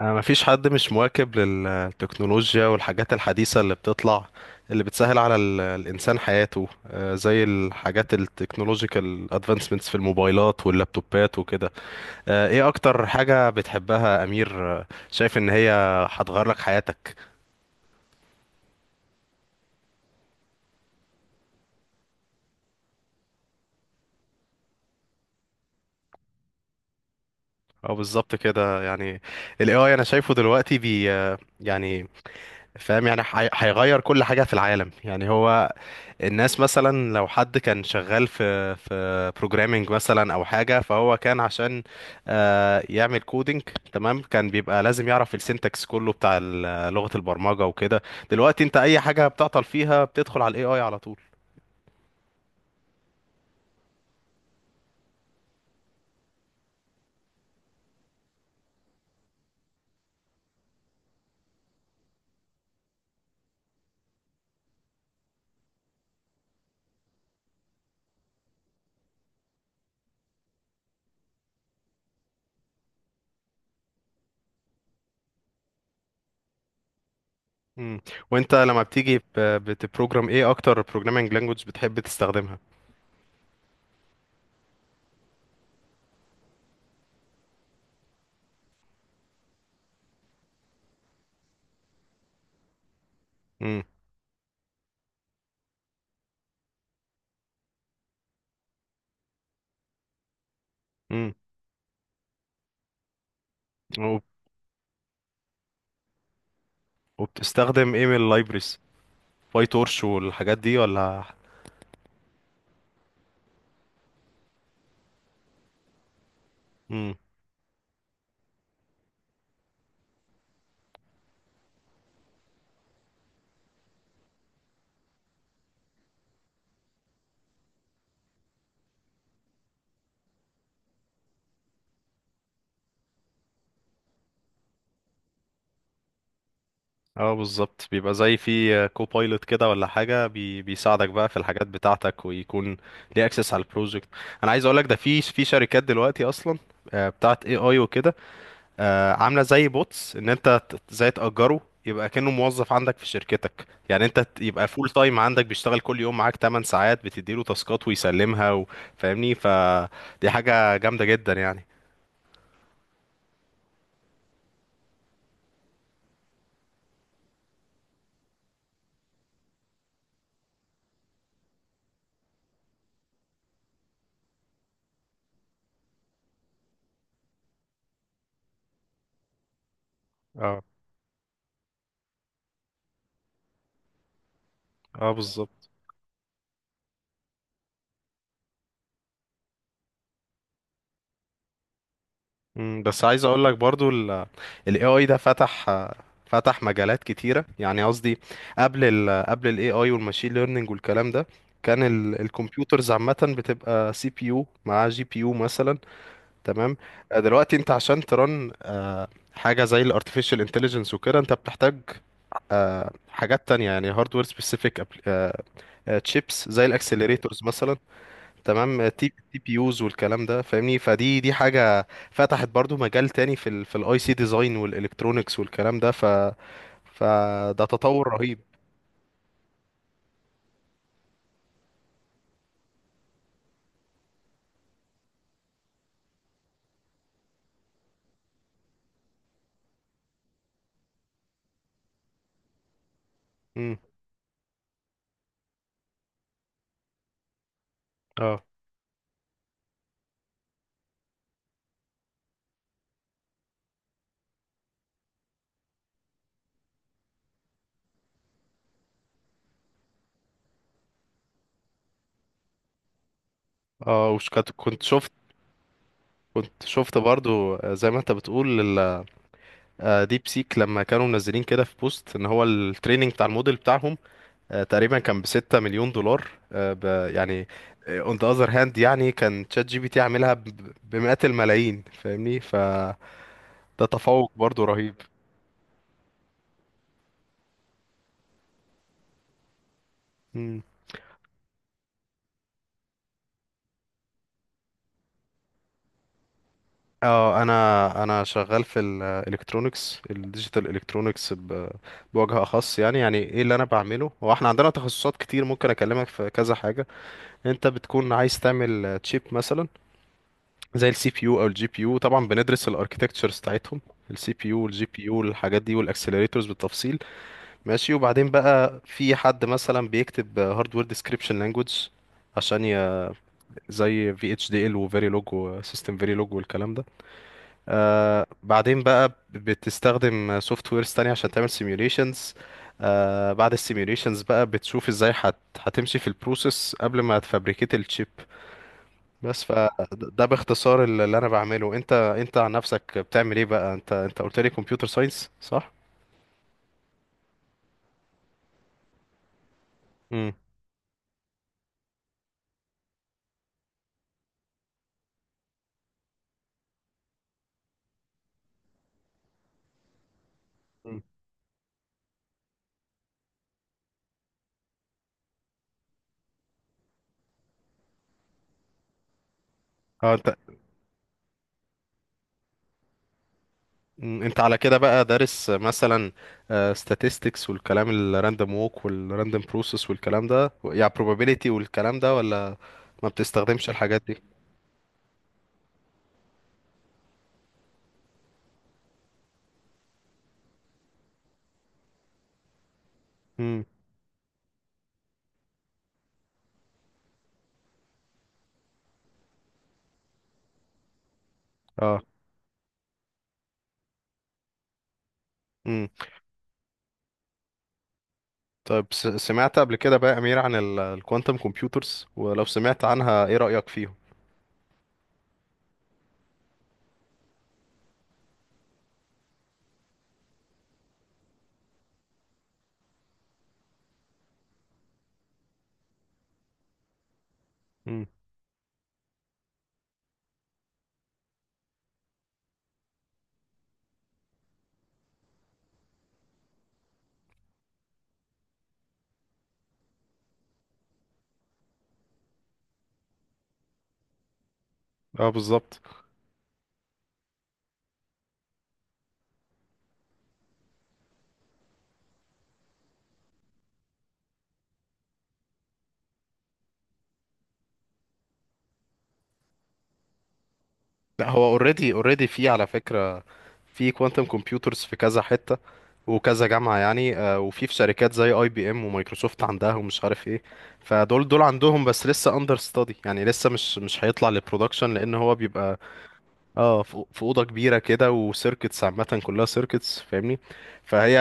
أنا مفيش حد مش مواكب للتكنولوجيا والحاجات الحديثة اللي بتطلع اللي بتسهل على الإنسان حياته، زي الحاجات التكنولوجيكال ادفانسمنتس في الموبايلات واللابتوبات وكده. ايه أكتر حاجة بتحبها يا أمير؟ شايف إن هي هتغير لك حياتك. اه، بالظبط كده يعني. ال AI أنا شايفه دلوقتي بي، يعني فاهم، يعني هيغير كل حاجة في العالم يعني. هو الناس مثلا لو حد كان شغال في بروجرامينج مثلا او حاجه، فهو كان عشان يعمل كودينج. تمام، كان بيبقى لازم يعرف السنتكس كله بتاع لغه البرمجه وكده. دلوقتي انت اي حاجه بتعطل فيها بتدخل على الاي اي على طول. مم. وانت لما بتبروجرام ايه، اكتر بروجرامينج لانجوج بتحب تستخدمها؟ مم. مم. وب- وبتستخدم ايه من اللايبرز، باي تورش والحاجات دي ولا؟ اه بالظبط، بيبقى زي في كوبايلوت كده ولا حاجه بي، بيساعدك بقى في الحاجات بتاعتك ويكون ليه اكسس على البروجكت. انا عايز اقول لك ده، في في شركات دلوقتي اصلا بتاعت اي اي وكده، عامله زي بوتس، ان زي تاجره، يبقى كأنه موظف عندك في شركتك. يعني يبقى فول تايم عندك بيشتغل كل يوم معاك 8 ساعات، بتديله تاسكات ويسلمها فاهمني؟ فدي حاجه جامده جدا يعني. اه، اه بالظبط. مم، بس عايز اقول لك برضو ال، ال AI ده فتح، فتح مجالات كتيرة يعني. قصدي قبل ال، قبل ال AI والماشين ليرنينج والكلام ده، كان الكمبيوترز عامة بتبقى سي بي يو مع جي بي يو مثلا. تمام. دلوقتي انت عشان ترن حاجة زي ال artificial intelligence وكده، انت بتحتاج حاجات تانية، يعني hardware specific، chips زي الاكسلريتورز مثلا. تمام، تي تي بي يوز والكلام ده فاهمني؟ فدي حاجه فتحت برضو مجال تاني في ال، في الاي سي ديزاين والالكترونكس والكلام ده. ف، فده تطور رهيب. امم. اه. اه، كنت شفت، كنت شفت برضو زي ما انت بتقول ديب سيك لما كانوا منزلين كده في بوست، ان هو التريننج بتاع الموديل بتاعهم تقريبا كان ب 6 مليون دولار، يعني اون ذا اذر هاند، يعني كان تشات جي بي تي عاملها بمئات الملايين، فاهمني؟ فده تفوق برضو رهيب. مم. اه، انا شغال في الالكترونكس الديجيتال، الكترونكس بوجه اخص يعني. يعني ايه اللي انا بعمله؟ هو احنا عندنا تخصصات كتير ممكن اكلمك في كذا حاجه. انت بتكون عايز تعمل تشيب مثلا زي السي بي يو او الجي بي يو، طبعا بندرس الاركتكتشرز بتاعتهم، السي بي يو والجي بي يو الحاجات دي والاكسلريتورز بالتفصيل. ماشي. وبعدين بقى في حد مثلا بيكتب هاردوير ديسكريبشن لانجويج عشان زي في اتش دي ال وفيريلوج وسيستم فيريلوج والكلام ده. آه بعدين بقى بتستخدم سوفت ويرز تانية عشان تعمل سيميوليشنز. آه بعد السيميوليشنز بقى بتشوف ازاي هتمشي في البروسيس قبل ما تفبريكيت الشيب بس فده باختصار اللي انا بعمله. انت عن نفسك بتعمل ايه بقى؟ انت قلت لي كمبيوتر ساينس، صح؟ امم. اه. انت، مم، انت على كده بقى دارس مثلا statistics والكلام، الراندوم ووك والراندوم بروسيس والكلام ده، يعني probability والكلام ده، ولا ما بتستخدمش الحاجات دي؟ اه. امم. طيب، سمعت قبل كده بقى يا امير عن الكوانتم كمبيوترز؟ ولو سمعت عنها ايه رأيك فيهم؟ امم. اه بالظبط. لا، هو اوريدي، اوريدي في على فكرة، في كوانتم كمبيوترز في كذا حتة وكذا جامعة يعني، وفي شركات زي اي بي ام ومايكروسوفت عندها ومش عارف ايه. فدول عندهم، بس لسه اندر ستادي، يعني لسه مش، مش هيطلع للبرودكشن، لان هو بيبقى اه، في في اوضه كبيره كده وسيركتس، عامه كلها سيركتس فاهمني؟ فهي،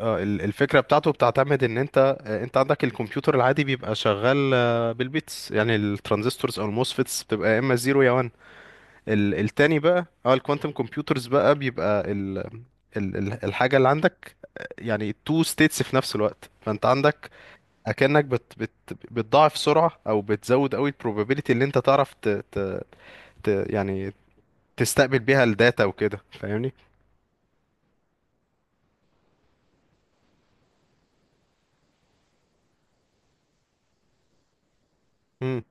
اه، الفكرة بتاعته بتعتمد ان انت، انت عندك الكمبيوتر العادي بيبقى شغال بالبيتس، يعني الترانزستورز او الموسفيتس بتبقى يا اما زيرو يا 1. التاني بقى، اه الكوانتم كمبيوترز بقى بيبقى ال، الحاجة اللي عندك، يعني تو ستيتس في نفس الوقت. فانت عندك، اكنك بت بت بتضاعف سرعة، او بتزود قوي البروبابيلتي اللي انت تعرف ت ت ت يعني تستقبل بيها الداتا وكده، فاهمني؟ امم.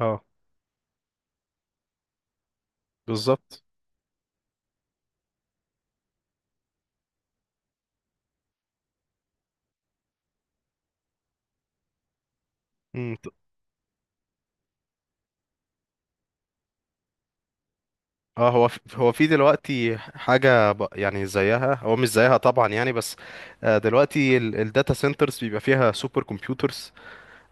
اه بالظبط. اه، هو في، هو في دلوقتي حاجة يعني زيها، هو مش زيها طبعا يعني بس، دلوقتي الداتا سنترز بيبقى فيها سوبر كمبيوترز،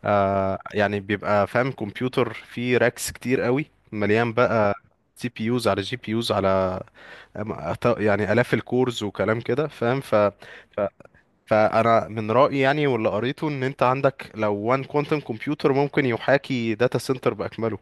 يعني بيبقى فاهم كمبيوتر فيه راكس كتير قوي، مليان بقى سي بي يوز على جي بي يوز على يعني آلاف الكورز وكلام كده فاهم؟ ف... ف فأنا من رأيي يعني، واللي قريته، إن أنت عندك لو وان كوانتم كمبيوتر ممكن يحاكي داتا سنتر بأكمله.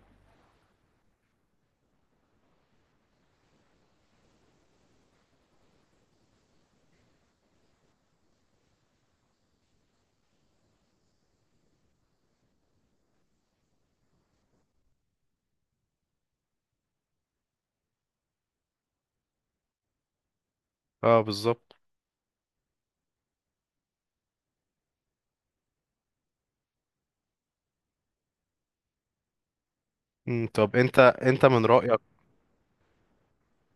اه بالظبط. مم، طب انت من رأيك،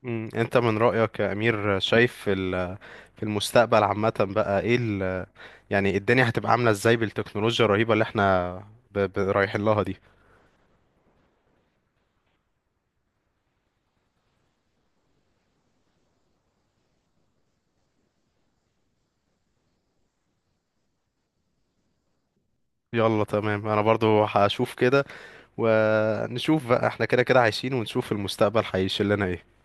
مم، انت من رأيك يا امير شايف في في المستقبل عامة بقى ايه ال...، يعني الدنيا هتبقى عاملة ازاي بالتكنولوجيا الرهيبة اللي احنا رايحين لها دي؟ يلا تمام، انا برضو هشوف كده، ونشوف بقى، احنا كده كده عايشين ونشوف المستقبل هيشيل لنا ايه.